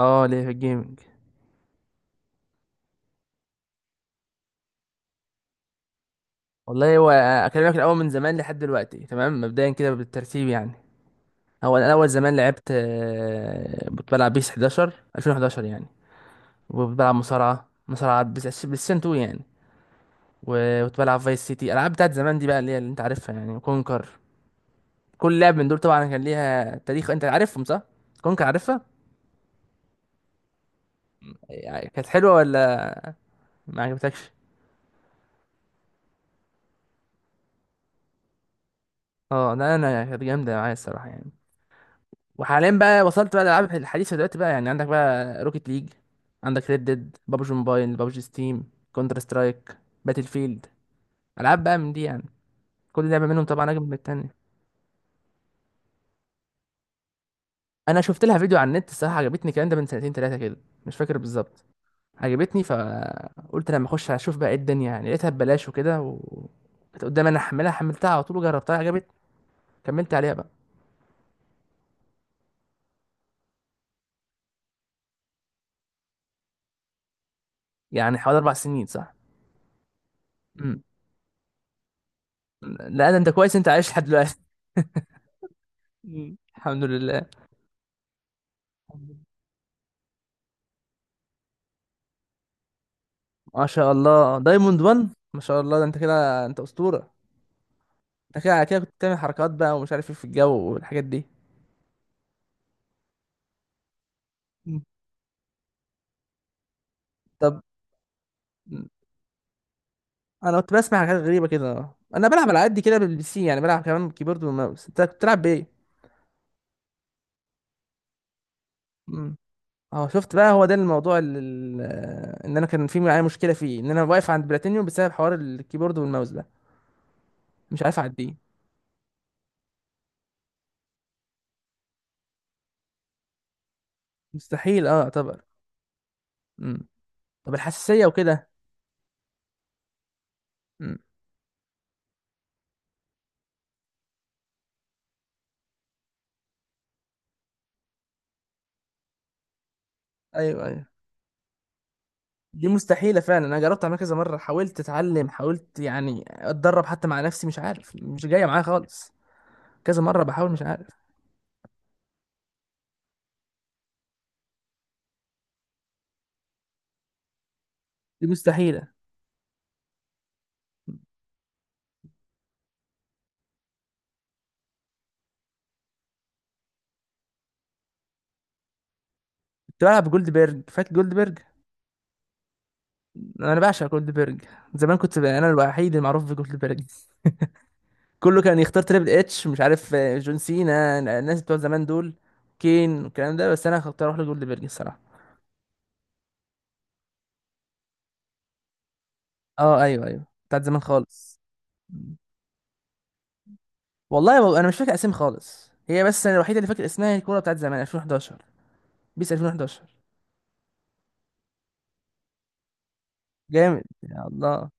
اه ليه في الجيمنج؟ والله هو اكلمك الاول من زمان لحد دلوقتي، تمام. مبدئيا كده بالترتيب يعني، هو انا اول زمان لعبت كنت بلعب بيس 11، 2011 يعني. وكنت بلعب مصارعه بس 2 يعني. وكنت بلعب فايس سيتي، العاب بتاعت زمان دي بقى اللي هي اللي انت عارفها يعني، كونكر. كل لعب من دول طبعا كان ليها تاريخ، انت عارفهم صح؟ كونكر عارفها. يعني كانت حلوة ولا ما عجبتكش؟ اه لا انا كانت جامده معايا الصراحه يعني. وحاليا بقى وصلت بقى للالعاب الحديثه دلوقتي بقى، يعني عندك بقى روكيت ليج، عندك ريد ديد، بابجي موبايل، بابجي ستيم، كونتر سترايك، باتل فيلد، العاب بقى من دي يعني. كل لعبه منهم طبعا اجمل من التانيه. انا شفت لها فيديو على النت الصراحه، عجبتني، الكلام ده من سنتين ثلاثه كده، مش فاكر بالظبط. عجبتني فقلت لما اخش اشوف بقى ايه الدنيا يعني، لقيتها ببلاش وكده، و كانت قدامي، انا احملها، حملتها على طول وجربتها، عجبتني، كملت عليها بقى. يعني حوالي اربع سنين صح؟ امم. لا ده انت كويس، انت عايش لحد دلوقتي. مم. الحمد لله. ما شاء الله، دايموند 1، ما شاء الله، ده انت كده انت اسطوره. انت كده على كده كنت بتعمل حركات بقى ومش عارف ايه في الجو والحاجات دي. مم. طب انا كنت بسمع حاجات غريبه كده، انا بلعب على قد كده بالبي سي، يعني بلعب كمان كيبورد وماوس، انت كنت بتلعب بايه؟ امم. اه شفت بقى، هو ده الموضوع اللي ان انا كان في معايا مشكله فيه، ان انا واقف عند بلاتينيوم بسبب حوار الكيبورد والماوس ده، مش عارف اعديه. مستحيل اه اعتبر. امم. طب الحساسيه وكده. امم. ايوه ايوه، دي مستحيلة فعلا، أنا جربت أعملها كذا مرة، حاولت أتعلم، حاولت يعني أتدرب حتى مع نفسي، مش عارف، مش جاية معايا خالص. كذا مرة بحاول مش عارف. دي مستحيلة. كنت بلعب جولد بيرج، فاكر جولد بيرج؟ أنا بعشق جولد بيرج. زمان كنت بقى أنا الوحيد المعروف في جولد بيرج. كله كان يختار تريبل اتش، مش عارف، جون سينا، الناس بتوع زمان دول، كين والكلام ده، بس أنا كنت أروح لجولد بيرج الصراحة. أه أيوه أيوه، بتاعت زمان خالص. أنا مش فاكر أسامي خالص هي، بس أنا الوحيدة اللي فاكر اسمها، الكورة بتاعت زمان 2011، بيس 2011. جامد يا الله.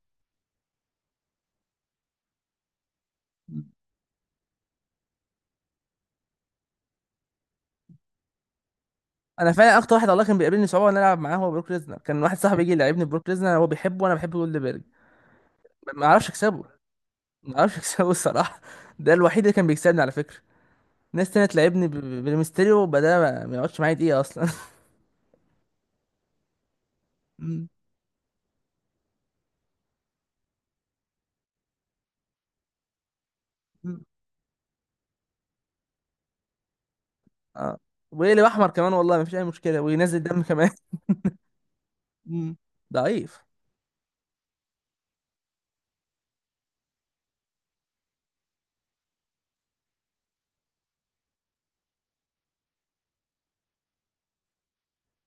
انا فعلا اكتر واحد الله كان بيقابلني صعوبه ان انا العب معاه هو بروك ليزنر، كان واحد صاحبي يجي يلعبني بروك ليزنر، هو بيحبه وانا بحب جولدبرج. ما اعرفش اكسبه. ما اعرفش اكسبه الصراحه. ده الوحيد اللي كان بيكسبني على فكره. ناس تانية تلعبني بالميستيريو بدأ، ما يقعدش معايا دقيقه اصلا. مم. مم. اه، ويقلب احمر كمان، والله ما فيش اي مشكله، وينزل دم كمان. مم. ضعيف.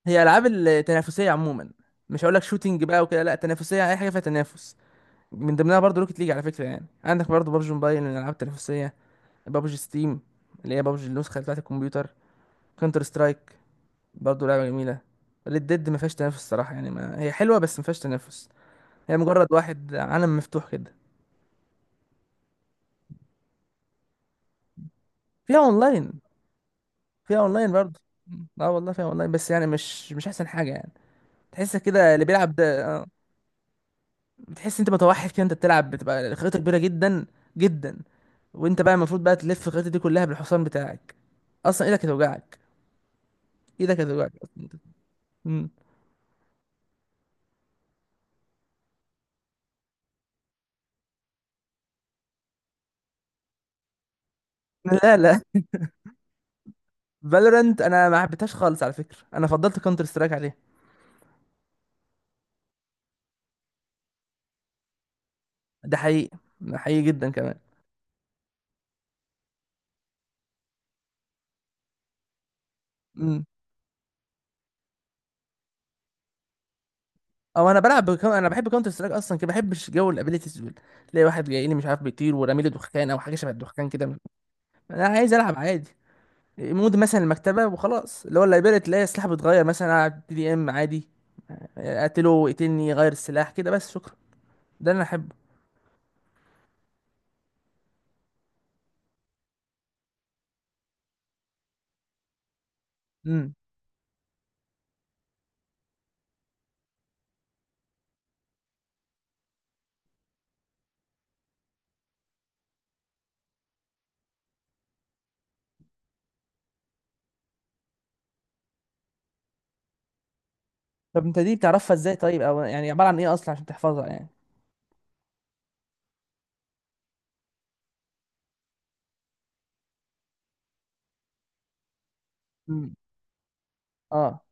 هي العاب التنافسيه عموما، مش هقول لك شوتينج بقى وكده، لا، تنافسيه، اي حاجه فيها تنافس. من ضمنها برضه روكيت ليج على فكره، يعني عندك برضه بابجي موبايل من الالعاب التنافسيه، بابجي ستيم اللي هي بابجي النسخه بتاعه الكمبيوتر، كونتر سترايك برضه لعبه جميله. ريد ديد ما فيهاش تنافس الصراحه، يعني ما هي حلوه بس ما فيهاش تنافس، هي مجرد واحد عالم مفتوح كده. فيها اونلاين. فيها اونلاين برضه. اه والله فيها اونلاين، بس يعني مش احسن حاجه يعني. تحس كده اللي بيلعب ده، بتحس انت متوحد كده، انت بتلعب بتبقى خريطه كبيره جدا جدا، وانت بقى المفروض بقى تلف الخريطه دي كلها بالحصان بتاعك، اصلا ايدك هتوجعك. ايدك هتوجعك اصلا انت. مم. لا لا، فالورنت انا ما حبيتهاش خالص على فكره، انا فضلت كونتر سترايك عليها. ده حقيقي، ده حقيقي جدا كمان. امم. او انا بلعب بكو... انا بحب كونتر سترايك اصلا كده، ما بحبش جو الابيليتيز دول. تلاقي واحد جاي لي مش عارف بيطير، ورامي لي دخان او حاجه شبه الدخان كده، انا عايز العب عادي. مود مثلا المكتبه وخلاص، اللي هو اللايبرري، تلاقي السلاح بيتغير مثلا على دي دي ام عادي، اقتله يقتلني غير السلاح كده بس، شكرا، ده اللي انا احبه. امم. طب انت دي بتعرفها ازاي طيب؟ او يعني عباره عن ايه اصلا عشان تحفظها يعني؟ امم. اه.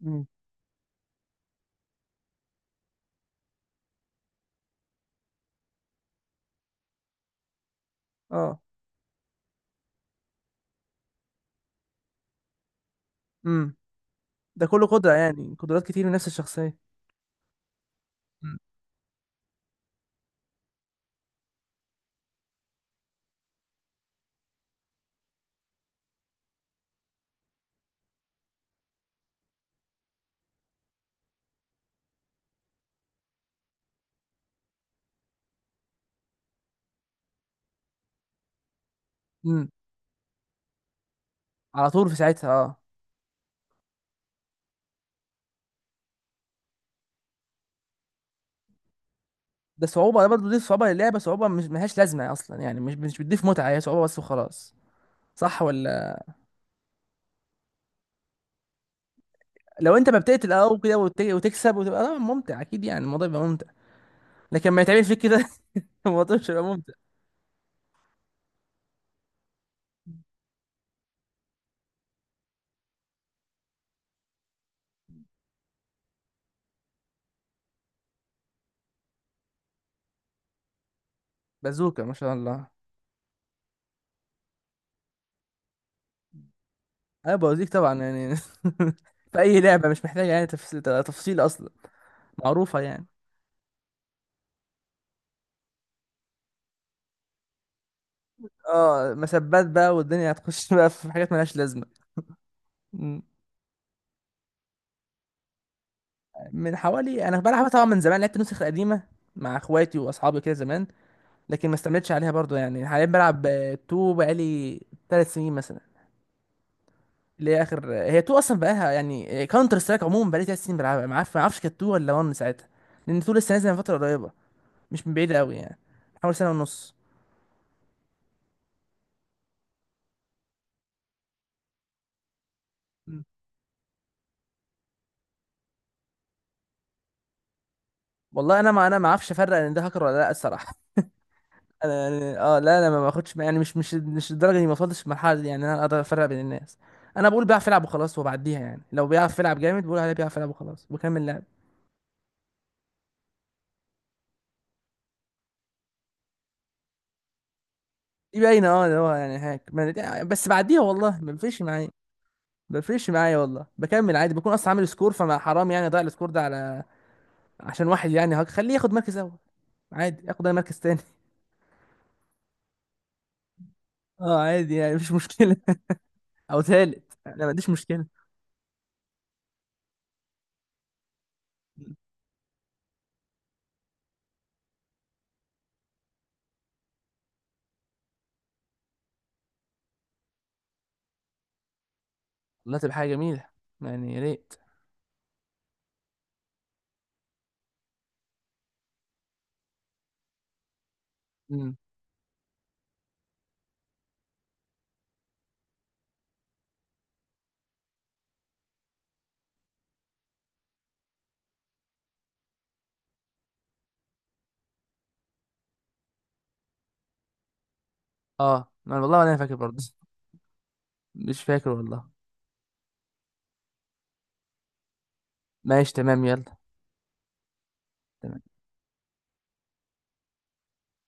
مم. اه. امم. ده كله قدرة يعني، قدرات كتير من نفس الشخصية. مم. مم. على طول في ساعتها اه. ده صعوبة، ده برضه دي صعوبة للعبة، صعوبة مش ملهاش لازمة أصلا يعني، مش بتضيف متعة، هي صعوبة بس وخلاص. صح ولا؟ لو أنت ما بتقتل أو كده وتكسب وتبقى آه ممتع، أكيد يعني الموضوع يبقى ممتع. لكن ما يتعمل فيك كده الموضوع مش هيبقى ممتع. بازوكا، ما شاء الله. أنا بوزيك طبعا يعني في أي لعبة مش محتاجة يعني تفصيل تفصيل أصلا، معروفة يعني. اه، مسبات بقى والدنيا هتخش بقى في حاجات ملهاش لازمة. مم. من حوالي، انا بلعبها طبعا من زمان، لعبت نسخ قديمه مع اخواتي واصحابي كده زمان، لكن ما استمتش عليها برضو يعني. حاليا بلعب 2 بقالي 3 سنين مثلا، اللي هي اخر، هي 2 اصلا بقالها، يعني كاونتر سترايك عموما بقالي 3 سنين بلعبها، ما عارف ما اعرفش كانت 2 ولا 1 ساعتها، لان 2 لسه نازله من فتره قريبه، مش من بعيد قوي يعني، حوالي سنه ونص. مم. والله انا ما اعرفش افرق ان ده هاكر ولا لا الصراحه. انا يعني اه لا انا ما باخدش يعني مش الدرجه دي، ما وصلتش المرحله دي يعني، انا اقدر افرق بين الناس. انا بقول بيعرف يلعب وخلاص، وبعديها يعني لو بيعرف يلعب جامد بقول عليه بيعرف يلعب وخلاص، وبكمل لعب. دي باينه اه، اللي هو يعني هاك بس بعديها والله ما بيفرقش معايا. ما بيفرقش معايا والله، بكمل عادي، بكون اصلا عامل سكور، فما حرام يعني اضيع السكور ده على عشان واحد يعني هاك، خليه ياخد مركز اول عادي، ياخد اي مركز تاني اه عادي يعني مفيش مشكله. او تالت، انا ما عنديش مشكله. والله تبقى حاجه جميله يعني، يا ريت. مم. اه ما والله انا فاكر برضه. مش فاكر والله. ماشي تمام يلا.